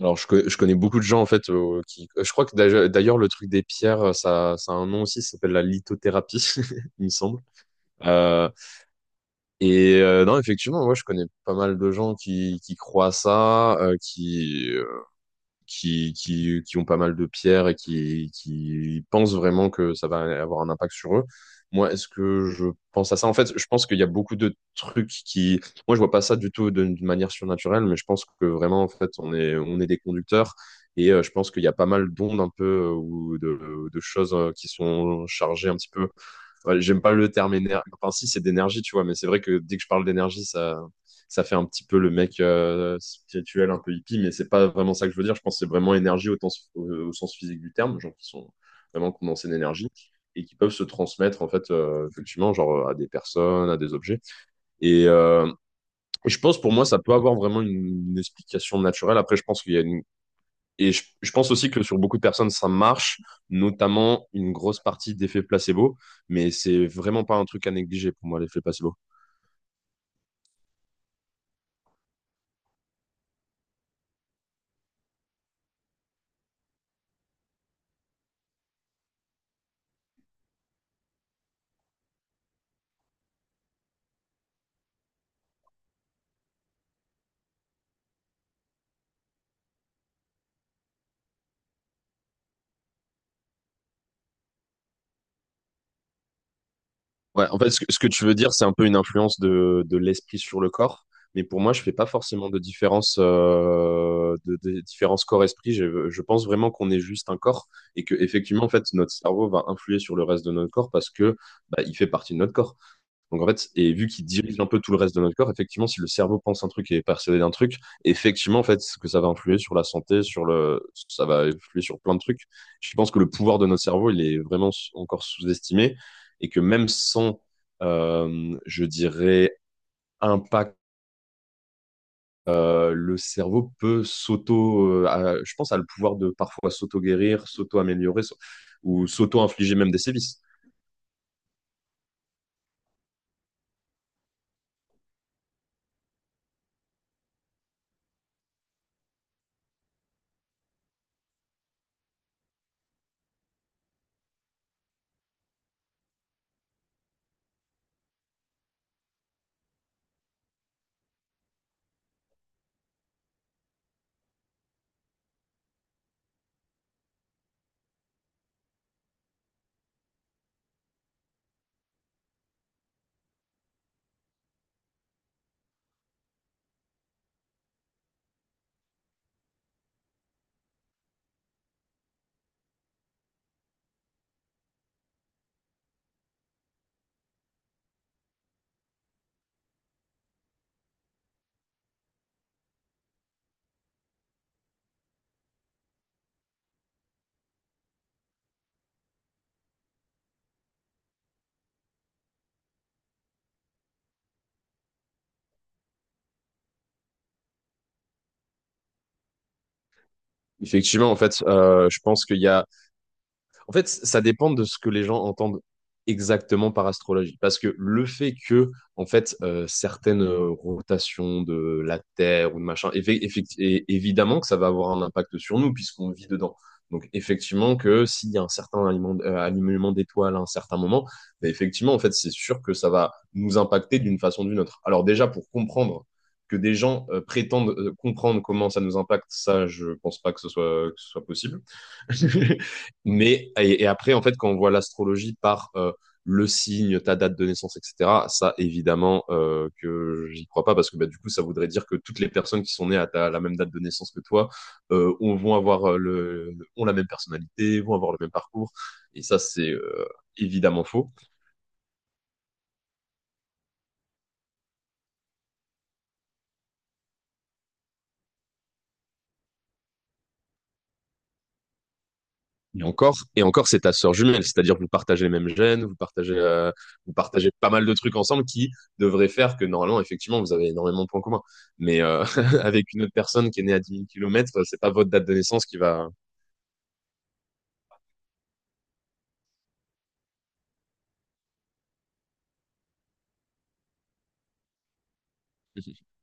Alors, je connais beaucoup de gens, en fait, qui... Je crois que d'ailleurs, le truc des pierres, ça a un nom aussi, ça s'appelle la lithothérapie, il me semble. Euh, et non, effectivement, moi, je connais pas mal de gens qui croient à ça, qui ont pas mal de pierres et qui pensent vraiment que ça va avoir un impact sur eux. Moi, est-ce que je pense à ça? En fait, je pense qu'il y a beaucoup de trucs qui. Moi, je vois pas ça du tout d'une manière surnaturelle, mais je pense que vraiment, en fait, on est des conducteurs et je pense qu'il y a pas mal d'ondes un peu ou de choses qui sont chargées un petit peu. Ouais, j'aime pas le terme énergie. Enfin, si, c'est d'énergie, tu vois, mais c'est vrai que dès que je parle d'énergie, ça fait un petit peu le mec spirituel, un peu hippie, mais c'est pas vraiment ça que je veux dire. Je pense que c'est vraiment énergie au sens physique du terme, genre qui sont vraiment condensés d'énergie et qui peuvent se transmettre en fait effectivement genre à des personnes, à des objets. Et je pense pour moi ça peut avoir vraiment une explication naturelle. Après je pense qu'il y a une et je pense aussi que sur beaucoup de personnes, ça marche, notamment une grosse partie d'effet placebo, mais c'est vraiment pas un truc à négliger pour moi, l'effet placebo. Ouais, en fait, ce que tu veux dire, c'est un peu une influence de l'esprit sur le corps, mais pour moi, je fais pas forcément de différence, de différence corps-esprit. Je pense vraiment qu'on est juste un corps et que effectivement, en fait, notre cerveau va influer sur le reste de notre corps parce que bah, il fait partie de notre corps. Donc en fait, et vu qu'il dirige un peu tout le reste de notre corps, effectivement, si le cerveau pense un truc et est persuadé d'un truc, effectivement, en fait, ce que ça va influer sur la santé, sur le, ça va influer sur plein de trucs. Je pense que le pouvoir de notre cerveau, il est vraiment encore sous-estimé et que même sans, je dirais, impact, le cerveau peut s'auto, je pense, à le pouvoir de parfois s'auto-guérir, ou s'auto-infliger même des sévices. Effectivement, en fait, je pense qu'il y a. En fait, ça dépend de ce que les gens entendent exactement par astrologie. Parce que le fait que, en fait, certaines rotations de la Terre ou de machin, et évidemment que ça va avoir un impact sur nous puisqu'on vit dedans. Donc, effectivement, que s'il y a un certain alignement d'étoiles à un certain moment, ben, effectivement, en fait, c'est sûr que ça va nous impacter d'une façon ou d'une autre. Alors, déjà, pour comprendre que des gens prétendent comprendre comment ça nous impacte, ça, je pense pas que ce soit possible. Mais et après, en fait, quand on voit l'astrologie par le signe, ta date de naissance, etc., ça, évidemment, que j'y crois pas parce que bah, du coup, ça voudrait dire que toutes les personnes qui sont nées à la même date de naissance que toi vont avoir ont la même personnalité, vont avoir le même parcours. Et ça, c'est évidemment faux. Et encore, c'est ta sœur jumelle, c'est-à-dire que vous partagez les mêmes gènes, vous partagez pas mal de trucs ensemble qui devraient faire que normalement, effectivement, vous avez énormément de points communs. Mais avec une autre personne qui est née à 10 000 kilomètres, c'est pas votre date de naissance qui va.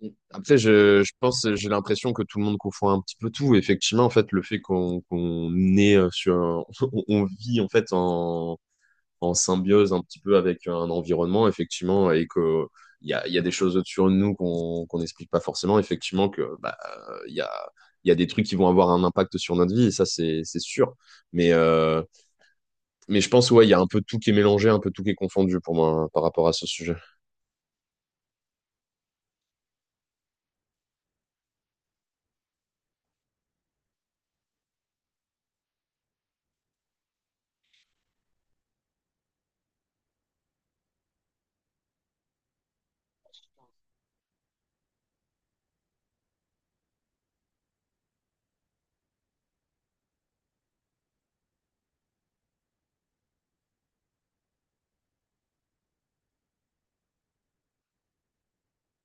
Ouais. Après, je pense, j'ai l'impression que tout le monde confond un petit peu tout. Effectivement, en fait, le fait qu'on est sur, on vit en fait en symbiose un petit peu avec un environnement, effectivement, et que il y a des choses sur nous qu'on n'explique pas forcément, effectivement, que bah, euh, il y a, il y a des trucs qui vont avoir un impact sur notre vie, et ça, c'est sûr. Mais, euh, mais je pense, ouais, il y a un peu tout qui est mélangé, un peu tout qui est confondu pour moi hein, par rapport à ce sujet.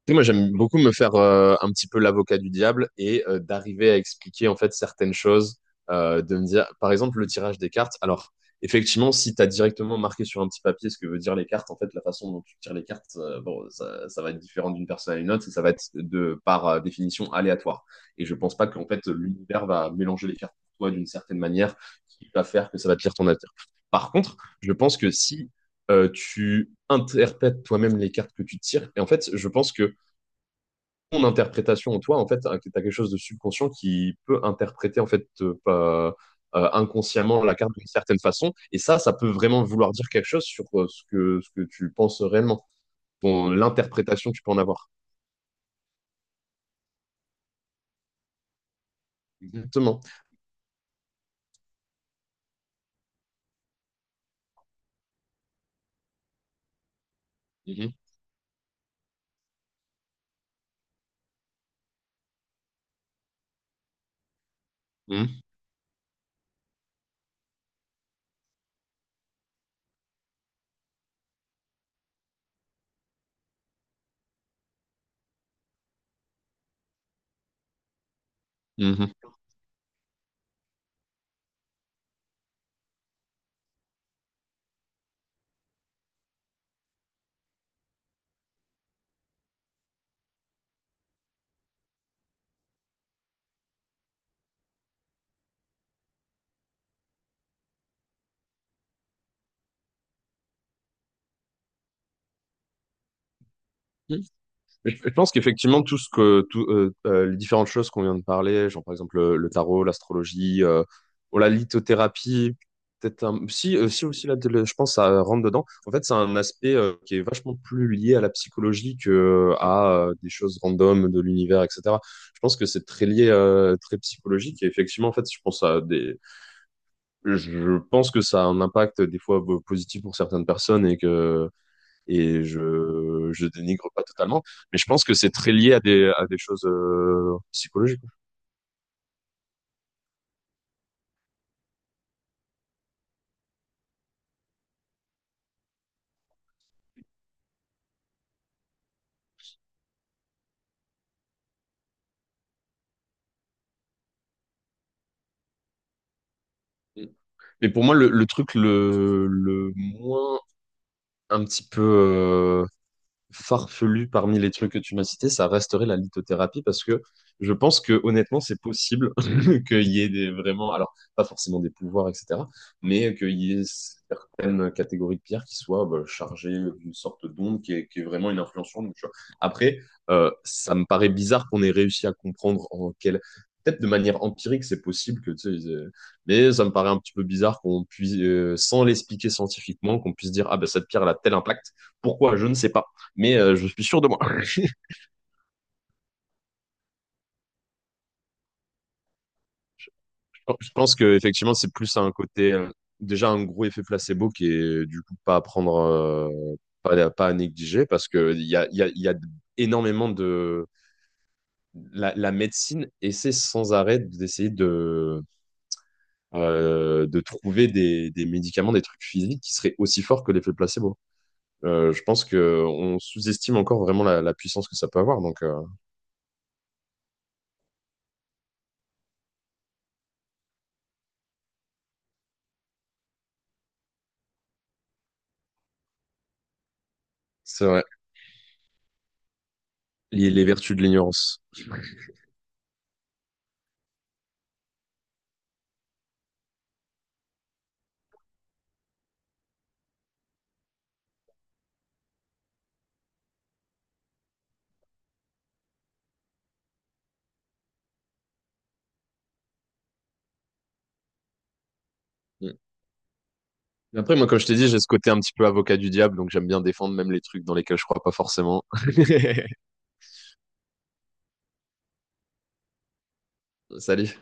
Tu sais, moi, j'aime beaucoup me faire un petit peu l'avocat du diable et d'arriver à expliquer en fait certaines choses, de me dire, par exemple, le tirage des cartes. Alors, effectivement, si tu as directement marqué sur un petit papier ce que veut dire les cartes, en fait, la façon dont tu tires les cartes, bon, ça va être différent d'une personne à une autre et ça va être de par définition aléatoire. Et je pense pas qu'en fait l'univers va mélanger les cartes pour toi d'une certaine manière qui va faire que ça va te lire ton avenir. Par contre, je pense que si tu interprètes toi-même les cartes que tu tires. Et en fait, je pense que ton interprétation en toi, en fait, tu as quelque chose de subconscient qui peut interpréter en fait inconsciemment la carte d'une certaine façon. Et ça peut vraiment vouloir dire quelque chose sur ce que tu penses réellement, Ton- l'interprétation que tu peux en avoir. Exactement. Mhm. Mhm. Mhm. Je pense qu'effectivement, tout ce que, tout, les différentes choses qu'on vient de parler, genre par exemple le tarot, l'astrologie, ou la lithothérapie, peut-être un... si aussi là, je pense que ça rentre dedans. En fait, c'est un aspect qui est vachement plus lié à la psychologie que à des choses random de l'univers, etc. Je pense que c'est très lié, très psychologique. Et effectivement, en fait, je pense que ça a un impact des fois positif pour certaines personnes et que et je dénigre pas totalement, mais je pense que c'est très lié à des, choses psychologiques. Mais pour moi, le truc le moins un petit peu farfelu parmi les trucs que tu m'as cités, ça resterait la lithothérapie parce que je pense que honnêtement, c'est possible qu'il y ait des, vraiment, alors pas forcément des pouvoirs, etc., mais qu'il y ait certaines catégories de pierres qui soient bah, chargées d'une sorte d'onde qui est vraiment une influence sur nous. Tu vois. Après, ça me paraît bizarre qu'on ait réussi à comprendre en quelle. Peut-être de manière empirique, c'est possible que, tu sais, mais ça me paraît un petit peu bizarre qu'on puisse, sans l'expliquer scientifiquement, qu'on puisse dire, ah ben cette pierre elle a tel impact. Pourquoi? Je ne sais pas mais je suis sûr de moi. Je je pense que effectivement, c'est plus un côté déjà un gros effet placebo qui est du coup pas à prendre, pas à négliger parce que il y a, il y a, il y a énormément de la médecine essaie sans arrêt d'essayer de trouver des médicaments, des trucs physiques qui seraient aussi forts que l'effet placebo. Je pense que on sous-estime encore vraiment la puissance que ça peut avoir. Donc c'est vrai, les vertus de l'ignorance. Mais après, moi, comme je t'ai dit, j'ai ce côté un petit peu avocat du diable, donc j'aime bien défendre même les trucs dans lesquels je crois pas forcément. Salut.